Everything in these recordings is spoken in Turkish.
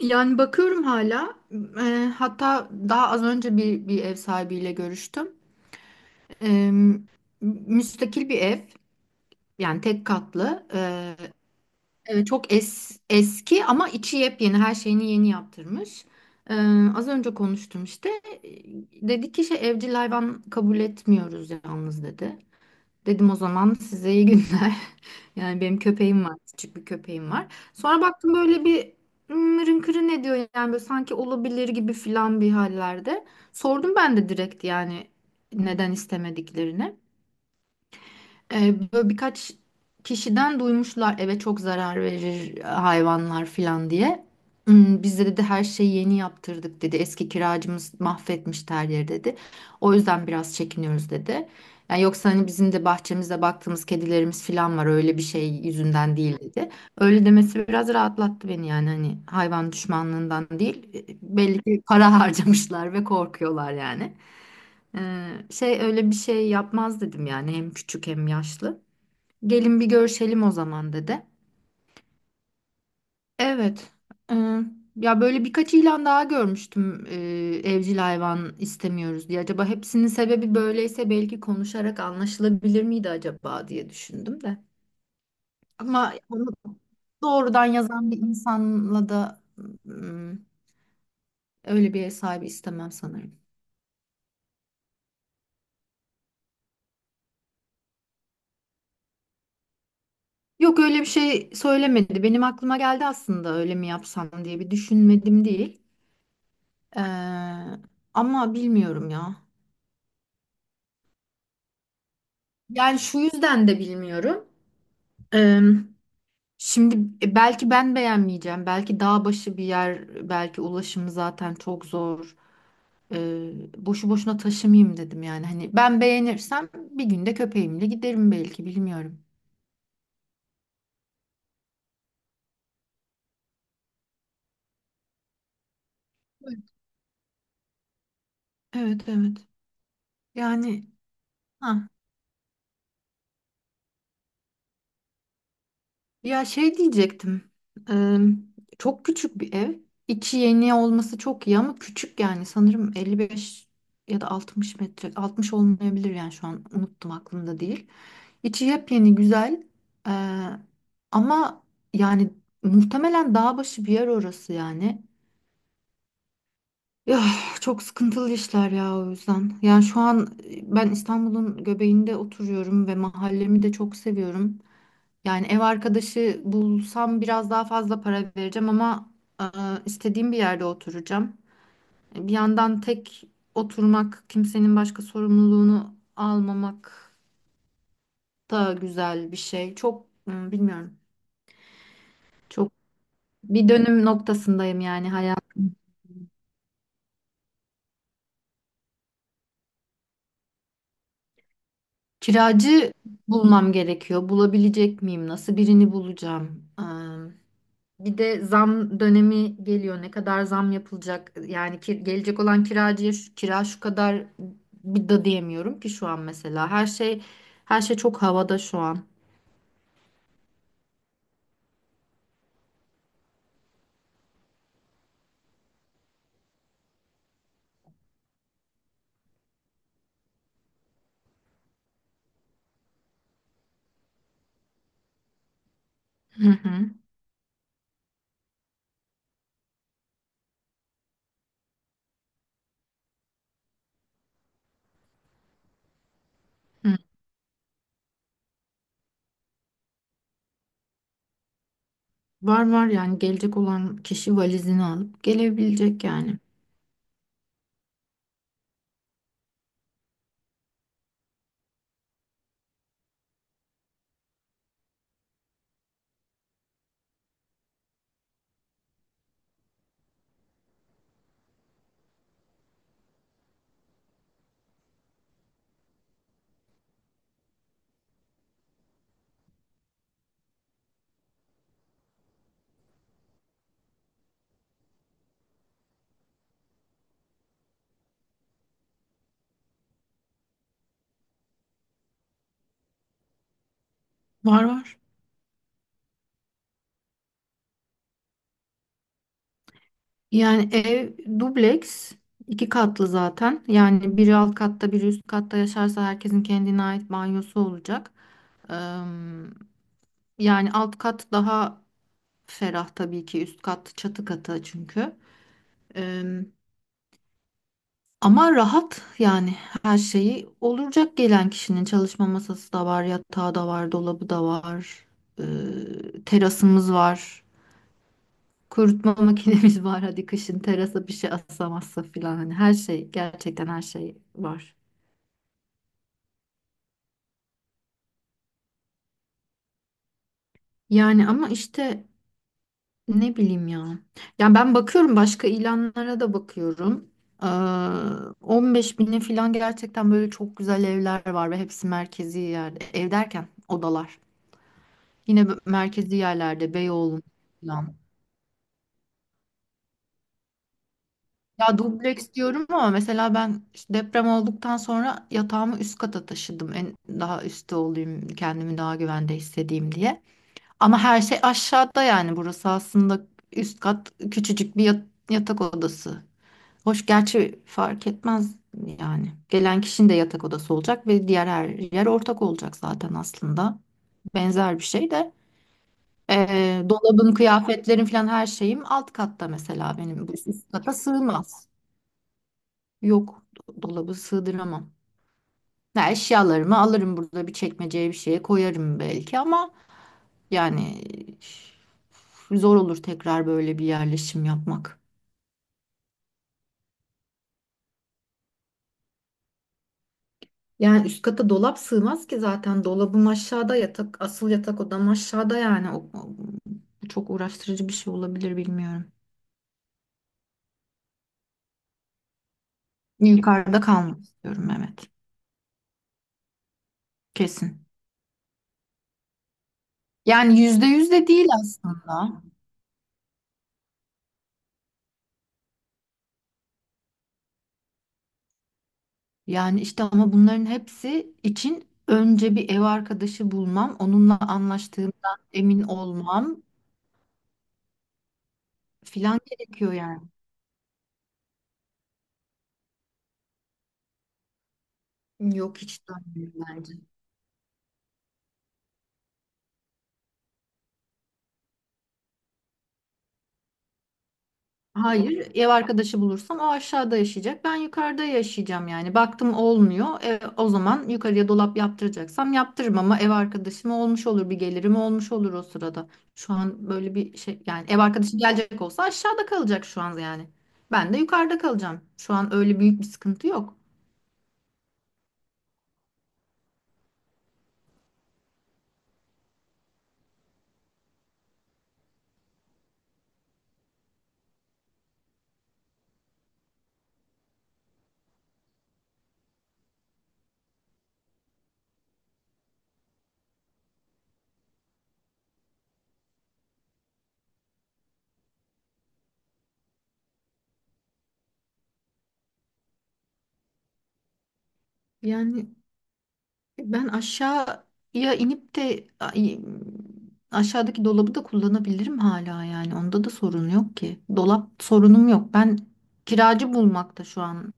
Yani bakıyorum hala. Hatta daha az önce bir ev sahibiyle görüştüm. Eee, müstakil bir ev. Yani tek katlı. Çok eski ama içi yepyeni. Her şeyini yeni yaptırmış. Eee, az önce konuştum işte. Eee, Dedi ki şey evcil hayvan kabul etmiyoruz yalnız dedi. Dedim o zaman size iyi günler. Yani benim köpeğim var, küçük bir köpeğim var. Sonra baktım böyle bir mırın kırın ne diyor yani böyle sanki olabilir gibi filan bir hallerde. Sordum ben de direkt yani neden istemediklerini. Böyle birkaç kişiden duymuşlar eve çok zarar verir hayvanlar falan diye. Biz de dedi her şeyi yeni yaptırdık dedi. Eski kiracımız mahvetmiş her yeri dedi. O yüzden biraz çekiniyoruz dedi. Yani yoksa hani bizim de bahçemizde baktığımız kedilerimiz falan var öyle bir şey yüzünden değil dedi. Öyle demesi biraz rahatlattı beni yani hani hayvan düşmanlığından değil. Belli ki para harcamışlar ve korkuyorlar yani. Şey öyle bir şey yapmaz dedim yani hem küçük hem yaşlı. Gelin bir görüşelim o zaman dedi. Evet. Ee, ya böyle birkaç ilan daha görmüştüm evcil hayvan istemiyoruz diye. Acaba hepsinin sebebi böyleyse belki konuşarak anlaşılabilir miydi acaba diye düşündüm de. Ama onu doğrudan yazan bir insanla da ım, öyle bir ev sahibi istemem sanırım. Yok öyle bir şey söylemedi. Benim aklıma geldi aslında öyle mi yapsam diye bir düşünmedim değil. Ee, ama bilmiyorum ya. Yani şu yüzden de bilmiyorum. Ee, şimdi belki ben beğenmeyeceğim. Belki dağ başı bir yer, belki ulaşımı zaten çok zor. Ee, boşu boşuna taşımayayım dedim yani. Hani ben beğenirsem bir günde köpeğimle giderim belki bilmiyorum. Evet, evet. Evet. Yani ha. Ya şey diyecektim. Eee, çok küçük bir ev. İçi yeni olması çok iyi ama küçük yani. Sanırım 55 ya da 60 metre. 60 olmayabilir yani şu an unuttum aklımda değil. İçi yepyeni güzel. Eee, ama yani muhtemelen dağ başı bir yer orası yani. Ya çok sıkıntılı işler ya o yüzden. Yani şu an ben İstanbul'un göbeğinde oturuyorum ve mahallemi de çok seviyorum. Yani ev arkadaşı bulsam biraz daha fazla para vereceğim ama e, istediğim bir yerde oturacağım. Bir yandan tek oturmak, kimsenin başka sorumluluğunu almamak da güzel bir şey. Çok bilmiyorum. Çok bir dönüm noktasındayım yani hayatım. Kiracı bulmam gerekiyor. Bulabilecek miyim? Nasıl birini bulacağım? Bir de zam dönemi geliyor. Ne kadar zam yapılacak? Yani ki, gelecek olan kiracıya şu, kira şu kadar bir da diyemiyorum ki şu an mesela. Her şey çok havada şu an. Hı hı. Hı. Var var yani gelecek olan kişi valizini alıp gelebilecek yani. Var var. Yani ev dubleks iki katlı zaten. Yani biri alt katta biri üst katta yaşarsa herkesin kendine ait banyosu olacak. Eee, yani alt kat daha ferah, tabii ki üst kat çatı katı çünkü. Ee, ama rahat yani her şeyi olacak gelen kişinin çalışma masası da var, yatağı da var, dolabı da var, ee, terasımız var, kurutma makinemiz var. Hadi kışın terasa bir şey asamazsa filan hani her şey gerçekten her şey var. Yani ama işte ne bileyim ya. Yani ben bakıyorum başka ilanlara da bakıyorum. Ee, 15 bine falan gerçekten böyle çok güzel evler var ve hepsi merkezi yerde. Ev derken odalar. Yine merkezi yerlerde Beyoğlu falan. Ya dubleks diyorum ama mesela ben işte deprem olduktan sonra yatağımı üst kata taşıdım. En daha üstte olayım, kendimi daha güvende hissedeyim diye. Ama her şey aşağıda yani burası aslında üst kat küçücük bir yatak odası. Hoş gerçi fark etmez yani. Gelen kişinin de yatak odası olacak ve diğer her yer ortak olacak zaten aslında. Benzer bir şey de dolabın, kıyafetlerin falan her şeyim alt katta mesela benim bu üst kata sığmaz. Yok dolabı sığdıramam. Ya eşyalarımı alırım burada bir çekmeceye bir şeye koyarım belki ama yani zor olur tekrar böyle bir yerleşim yapmak. Yani üst kata dolap sığmaz ki zaten dolabım aşağıda yatak asıl yatak odam aşağıda yani çok uğraştırıcı bir şey olabilir bilmiyorum. Yukarıda kalmak istiyorum evet kesin. Yani %100 de değil aslında. Yani işte ama bunların hepsi için önce bir ev arkadaşı bulmam, onunla anlaştığımdan emin olmam filan gerekiyor yani. Yok hiç dönmüyor bence. Hayır, ev arkadaşı bulursam o aşağıda yaşayacak. Ben yukarıda yaşayacağım yani. Baktım olmuyor. O zaman yukarıya dolap yaptıracaksam yaptırırım ama ev arkadaşım olmuş olur bir gelirim olmuş olur o sırada. Şu an böyle bir şey yani ev arkadaşı gelecek olsa aşağıda kalacak şu an yani. Ben de yukarıda kalacağım. Şu an öyle büyük bir sıkıntı yok. Yani ben aşağıya inip de aşağıdaki dolabı da kullanabilirim hala yani. Onda da sorun yok ki. Dolap sorunum yok. Ben kiracı bulmakta şu an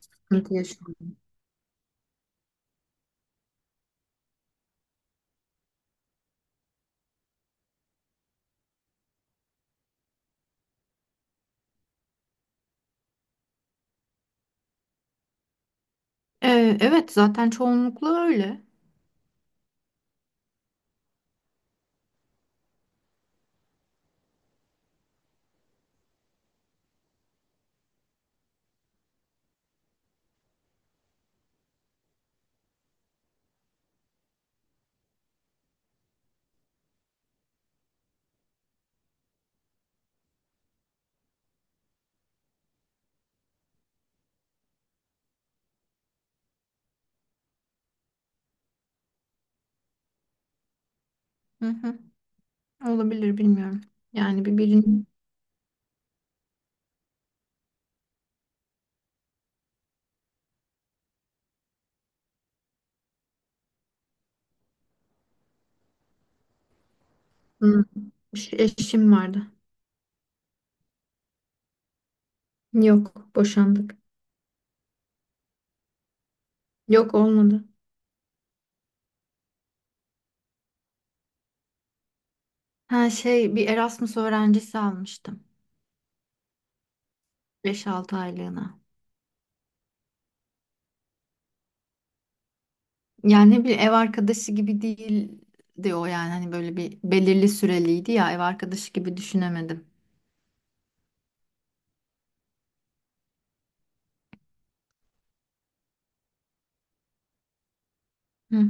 sıkıntı yaşıyorum. Evet zaten çoğunlukla öyle. Hı hı. Olabilir bilmiyorum. Yani bir birinin. Hı. Eşim vardı. Yok boşandık. Yok olmadı. Ha şey bir Erasmus öğrencisi almıştım. Beş altı aylığına. Yani bir ev arkadaşı gibi değil diyor yani hani böyle bir belirli süreliydi ya ev arkadaşı gibi düşünemedim. Hı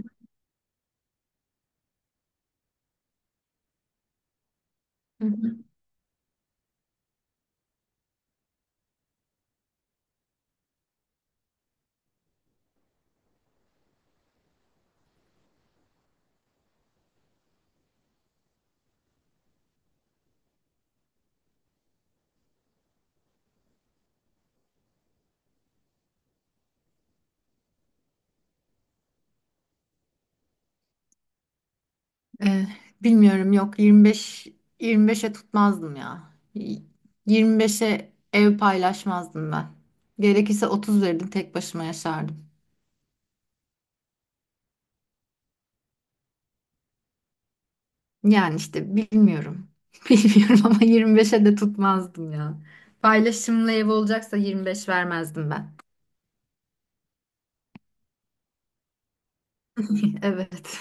hı. Hı. Ee, bilmiyorum yok 25'e tutmazdım ya. 25'e ev paylaşmazdım ben. Gerekirse 30 verirdim tek başıma yaşardım. Yani işte bilmiyorum. Bilmiyorum ama 25'e de tutmazdım ya. Paylaşımlı ev olacaksa 25 vermezdim ben. Evet.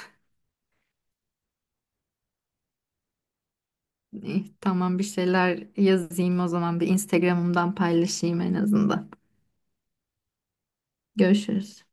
İyi, tamam bir şeyler yazayım o zaman bir Instagram'ımdan paylaşayım en azından. Görüşürüz.